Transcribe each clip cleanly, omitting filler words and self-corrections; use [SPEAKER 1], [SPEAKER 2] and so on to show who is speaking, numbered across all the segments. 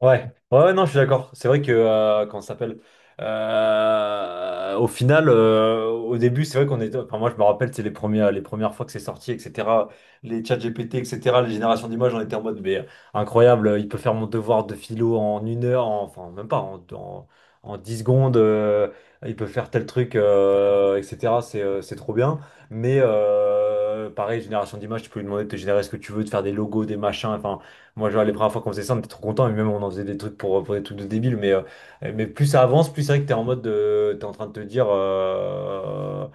[SPEAKER 1] Ouais, ouais, ouais, non, je suis d'accord. C'est vrai que, comment ça s'appelle? Au début, c'est vrai qu'on était. Enfin, moi, je me rappelle, c'est les premières fois que c'est sorti, etc. Les chats GPT, etc. Les générations d'images, on était en mode, mais incroyable, il peut faire mon devoir de philo en une heure, enfin, même pas, en 10 secondes, il peut faire tel truc, etc. C'est trop bien. Mais pareil, génération d'images, tu peux lui demander de te générer ce que tu veux, de faire des logos, des machins. Enfin, moi, genre, les premières fois qu'on faisait ça, on était trop contents, et même on en faisait des trucs pour des trucs de débiles, mais, plus ça avance, plus c'est vrai que t'es en train de te dire,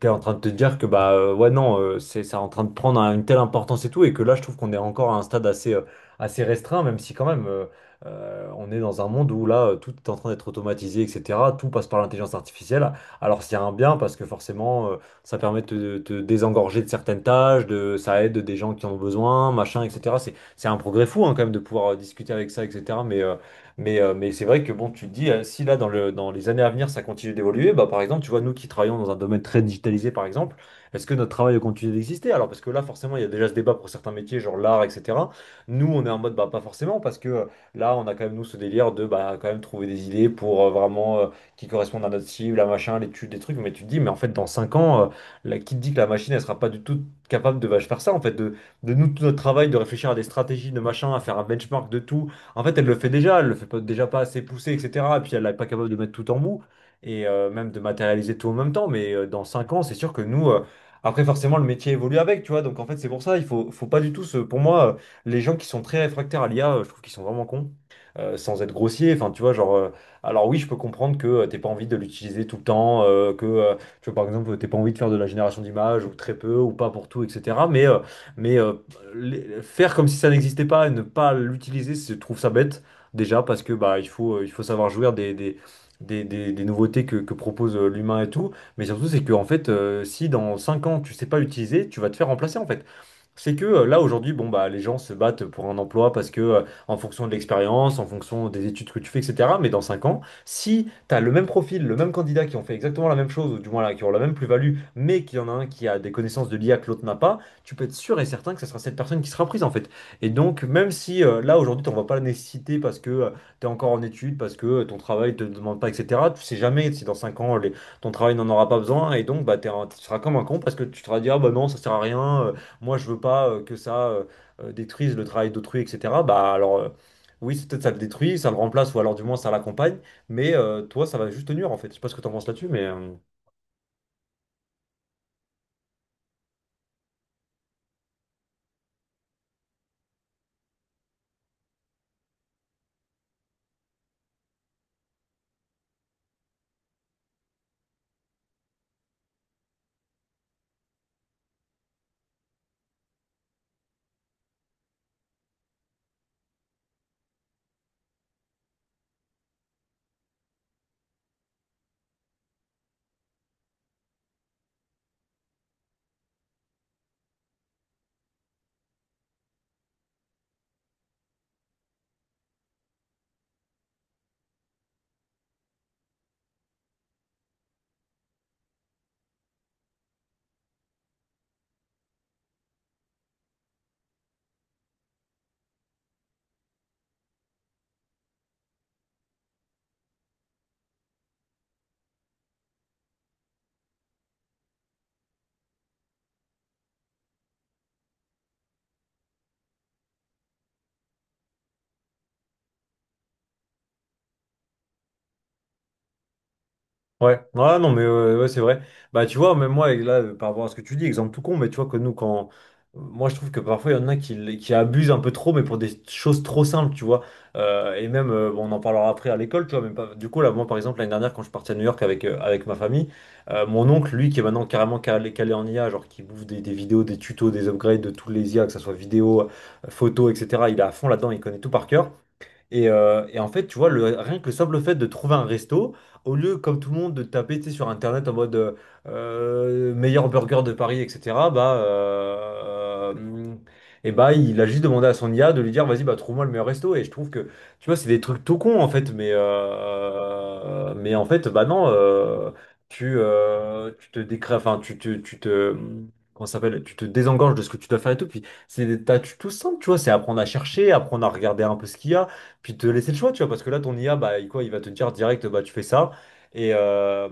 [SPEAKER 1] t'es en train de te dire que, bah, ouais, non, c'est en train de prendre une telle importance et tout, et que là, je trouve qu'on est encore à un stade assez, assez restreint, même si quand même, on est dans un monde où là, tout est en train d'être automatisé, etc. Tout passe par l'intelligence artificielle. Alors, c'est un bien, parce que forcément, ça permet de te désengorger de certaines tâches, ça aide des gens qui en ont besoin, machin, etc. C'est un progrès fou hein, quand même de pouvoir discuter avec ça, etc. Mais c'est vrai que bon, tu te dis, si là, dans les années à venir, ça continue d'évoluer, bah, par exemple, tu vois, nous qui travaillons dans un domaine très digitalisé, par exemple, est-ce que notre travail continue d'exister? Alors, parce que là, forcément, il y a déjà ce débat pour certains métiers, genre l'art, etc. Nous, on est en mode, bah, pas forcément, parce que là, on a quand même, nous, ce délire de, bah, quand même trouver des idées pour vraiment qui correspondent à notre cible, à machin, l'étude, des trucs. Mais tu te dis, mais en fait, dans 5 ans, la, qui te dit que la machine, elle sera pas du tout capable de bah, faire ça, en fait, de nous, tout notre travail, de réfléchir à des stratégies, de machin, à faire un benchmark de tout. En fait, elle le fait déjà, elle le fait pas, déjà pas assez poussé, etc. Et puis elle n'est pas capable de mettre tout en mou et même de matérialiser tout en même temps. Mais dans 5 ans, c'est sûr que nous, après, forcément, le métier évolue avec, tu vois. Donc en fait, c'est pour ça, faut pas du tout, pour moi, les gens qui sont très réfractaires à l'IA, je trouve qu'ils sont vraiment cons. Sans être grossier, enfin tu vois, alors oui, je peux comprendre que t'aies pas envie de l'utiliser tout le temps, que tu vois, par exemple, t'es pas envie de faire de la génération d'images ou très peu ou pas pour tout, etc. Mais euh, faire comme si ça n'existait pas et ne pas l'utiliser, je trouve ça bête déjà parce que il faut savoir jouir des nouveautés que propose l'humain et tout. Mais surtout c'est que en fait si dans 5 ans tu sais pas l'utiliser, tu vas te faire remplacer en fait. C'est que là aujourd'hui, bon bah les gens se battent pour un emploi parce que en fonction de l'expérience, en fonction des études que tu fais, etc. Mais dans 5 ans, si tu as le même profil, le même candidat qui ont fait exactement la même chose, ou du moins là, qui ont la même plus-value, mais qu'il y en a un qui a des connaissances de l'IA que l'autre n'a pas, tu peux être sûr et certain que ce sera cette personne qui sera prise en fait. Et donc même si là aujourd'hui t'en vois pas la nécessité parce que tu es encore en études, parce que ton travail te demande pas, etc. Tu sais jamais si dans 5 ans ton travail n'en aura pas besoin, et donc bah tu seras comme un con parce que tu te seras dit ah bah non ça sert à rien. Moi je veux pas que ça détruise le travail d'autrui, etc. Bah alors oui, c'est peut-être ça le détruit, ça le remplace, ou alors du moins ça l'accompagne, mais toi ça va juste te nuire en fait. Je sais pas ce que t'en penses là-dessus, mais... Ouais, ouais, non, mais c'est vrai. Bah, tu vois, même moi, et là, par rapport à ce que tu dis, exemple tout con, mais tu vois que nous, quand. Moi, je trouve que parfois, il y en a qui, qui abusent un peu trop, mais pour des choses trop simples, tu vois. Bon, on en parlera après à l'école, tu vois. Même pas... Du coup, là, moi, par exemple, l'année dernière, quand je partais à New York avec, avec ma famille, mon oncle, lui, qui est maintenant carrément calé, calé en IA, genre qui bouffe des vidéos, des tutos, des upgrades de tous les IA, que ce soit vidéo, photo, etc., il est à fond là-dedans, il connaît tout par cœur. Et en fait, tu vois, rien que le simple fait de trouver un resto, au lieu, comme tout le monde, de taper, tu sais, sur Internet en mode meilleur burger de Paris, etc., et bah, il a juste demandé à son IA de lui dire, vas-y, bah, trouve-moi le meilleur resto. Tu vois, c'est des trucs tout cons, en fait, mais, en fait, bah non, tu, tu te décrées, enfin, tu te... Comment ça s'appelle? Tu te désengages de ce que tu dois faire et tout. Puis c'est des tâches tout simples, tu vois. C'est apprendre à chercher, apprendre à regarder un peu ce qu'il y a puis te laisser le choix, tu vois, parce que là, ton IA, quoi, il va te dire direct, bah, tu fais ça, et, euh,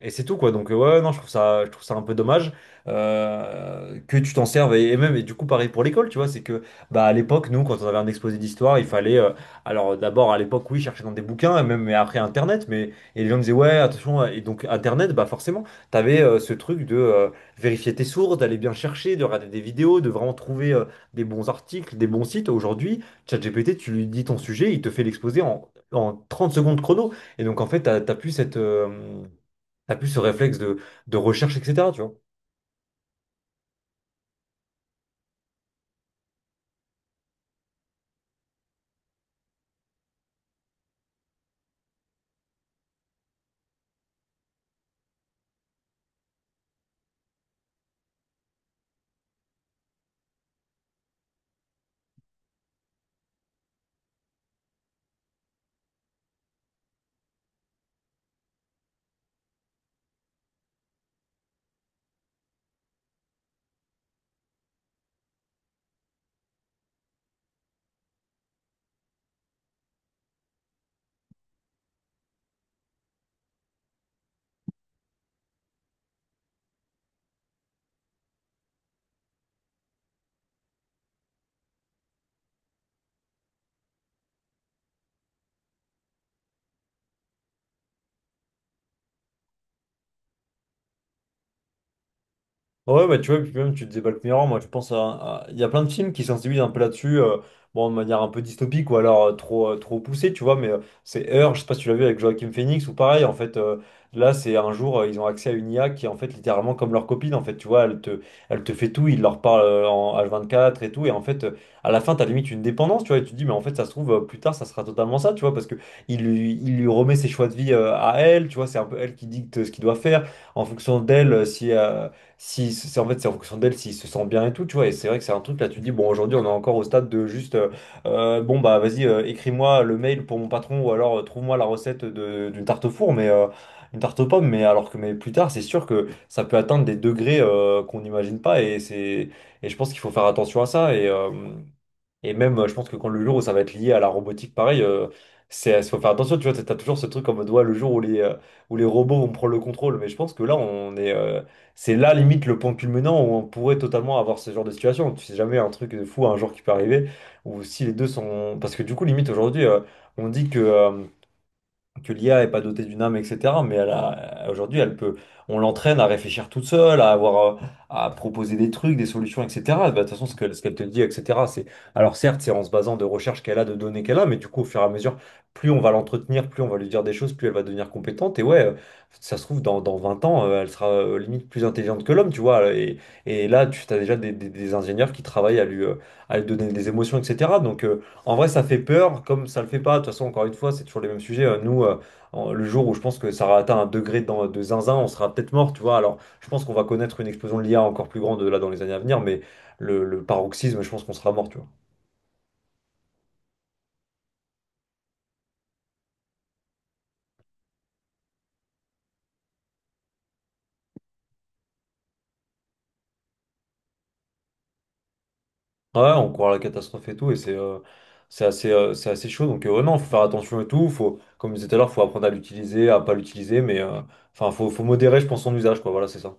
[SPEAKER 1] et c'est tout, quoi. Donc, non, je trouve ça un peu dommage que tu t'en serves, et même, et du coup, pareil pour l'école, tu vois, c'est que, bah, à l'époque, nous, quand on avait un exposé d'histoire, alors, d'abord, à l'époque, oui, chercher dans des bouquins, et même, mais après, Internet, mais, et les gens disaient, ouais, attention, et donc, Internet, bah, forcément, t'avais avais ce truc de vérifier tes sources, d'aller bien chercher, de regarder des vidéos, de vraiment trouver des bons articles, des bons sites. Aujourd'hui, ChatGPT, tu lui dis ton sujet, il te fait l'exposer en 30 secondes chrono. Et donc, en fait, t'as plus cette, t'as plus ce réflexe de recherche, etc., tu vois. Ouais, bah, tu vois, puis même, tu disais Black Mirror, moi, je pense à... Il y a plein de films qui sensibilisent un peu là-dessus, bon, de manière un peu dystopique ou alors trop poussée, tu vois, mais c'est Her, je sais pas si tu l'as vu avec Joaquin Phoenix, ou pareil, en fait, là, c'est un jour, ils ont accès à une IA qui est en fait littéralement comme leur copine, en fait, tu vois, elle te fait tout, il leur parle en H24 et tout, et en fait, à la fin, t'as limite une dépendance, tu vois, et tu te dis, mais en fait, ça se trouve, plus tard, ça sera totalement ça, tu vois, parce que il lui remet ses choix de vie à elle, tu vois, c'est un peu elle qui dicte ce qu'il doit faire, en fonction d'elle, si... si c'est en fait c'est en fonction d'elle s'il se sent bien et tout tu vois et c'est vrai que c'est un truc là tu te dis bon aujourd'hui on est encore au stade de juste bon bah vas-y écris-moi le mail pour mon patron ou alors trouve-moi d'une tarte au four mais une tarte aux pommes mais alors que mais plus tard c'est sûr que ça peut atteindre des degrés qu'on n'imagine pas et je pense qu'il faut faire attention à ça et je pense que quand le jour où ça va être lié à la robotique, pareil, c'est, faut faire attention, tu vois, t'as toujours ce truc en mode, ouais, le jour où où les robots vont prendre le contrôle. Mais je pense que là, c'est là, limite, le point culminant où on pourrait totalement avoir ce genre de situation. Tu sais jamais un truc de fou, un jour qui peut arriver, ou si les deux sont... Parce que du coup, limite, aujourd'hui, on dit que l'IA est pas dotée d'une âme, etc. Mais elle a, aujourd'hui, elle peut, on l'entraîne à réfléchir toute seule, à avoir, à proposer des trucs, des solutions, etc. Bah, de toute façon, ce qu'elle te dit, etc. C'est, alors certes, c'est en se basant de recherches qu'elle a, de données qu'elle a, mais du coup, au fur et à mesure, plus on va l'entretenir, plus on va lui dire des choses, plus elle va devenir compétente. Et ouais, ça se trouve, dans 20 ans, elle sera limite plus intelligente que l'homme, tu vois. Et là, tu as déjà des ingénieurs qui travaillent à lui donner des émotions, etc. Donc, en vrai, ça fait peur, comme ça le fait pas. De toute façon, encore une fois, c'est toujours les mêmes sujets. Nous, le jour où je pense que ça aura atteint un degré de zinzin, on sera peut-être mort, tu vois. Alors, je pense qu'on va connaître une explosion de l'IA encore plus grande là dans les années à venir, mais le paroxysme, je pense qu'on sera mort, tu vois. Ouais, on croit à la catastrophe et tout, c'est assez chaud. Donc, non, faut faire attention et tout. Faut, comme je disais tout à l'heure, faut apprendre à l'utiliser, à pas l'utiliser, mais enfin, faut modérer, je pense, son usage, quoi. Voilà, c'est ça.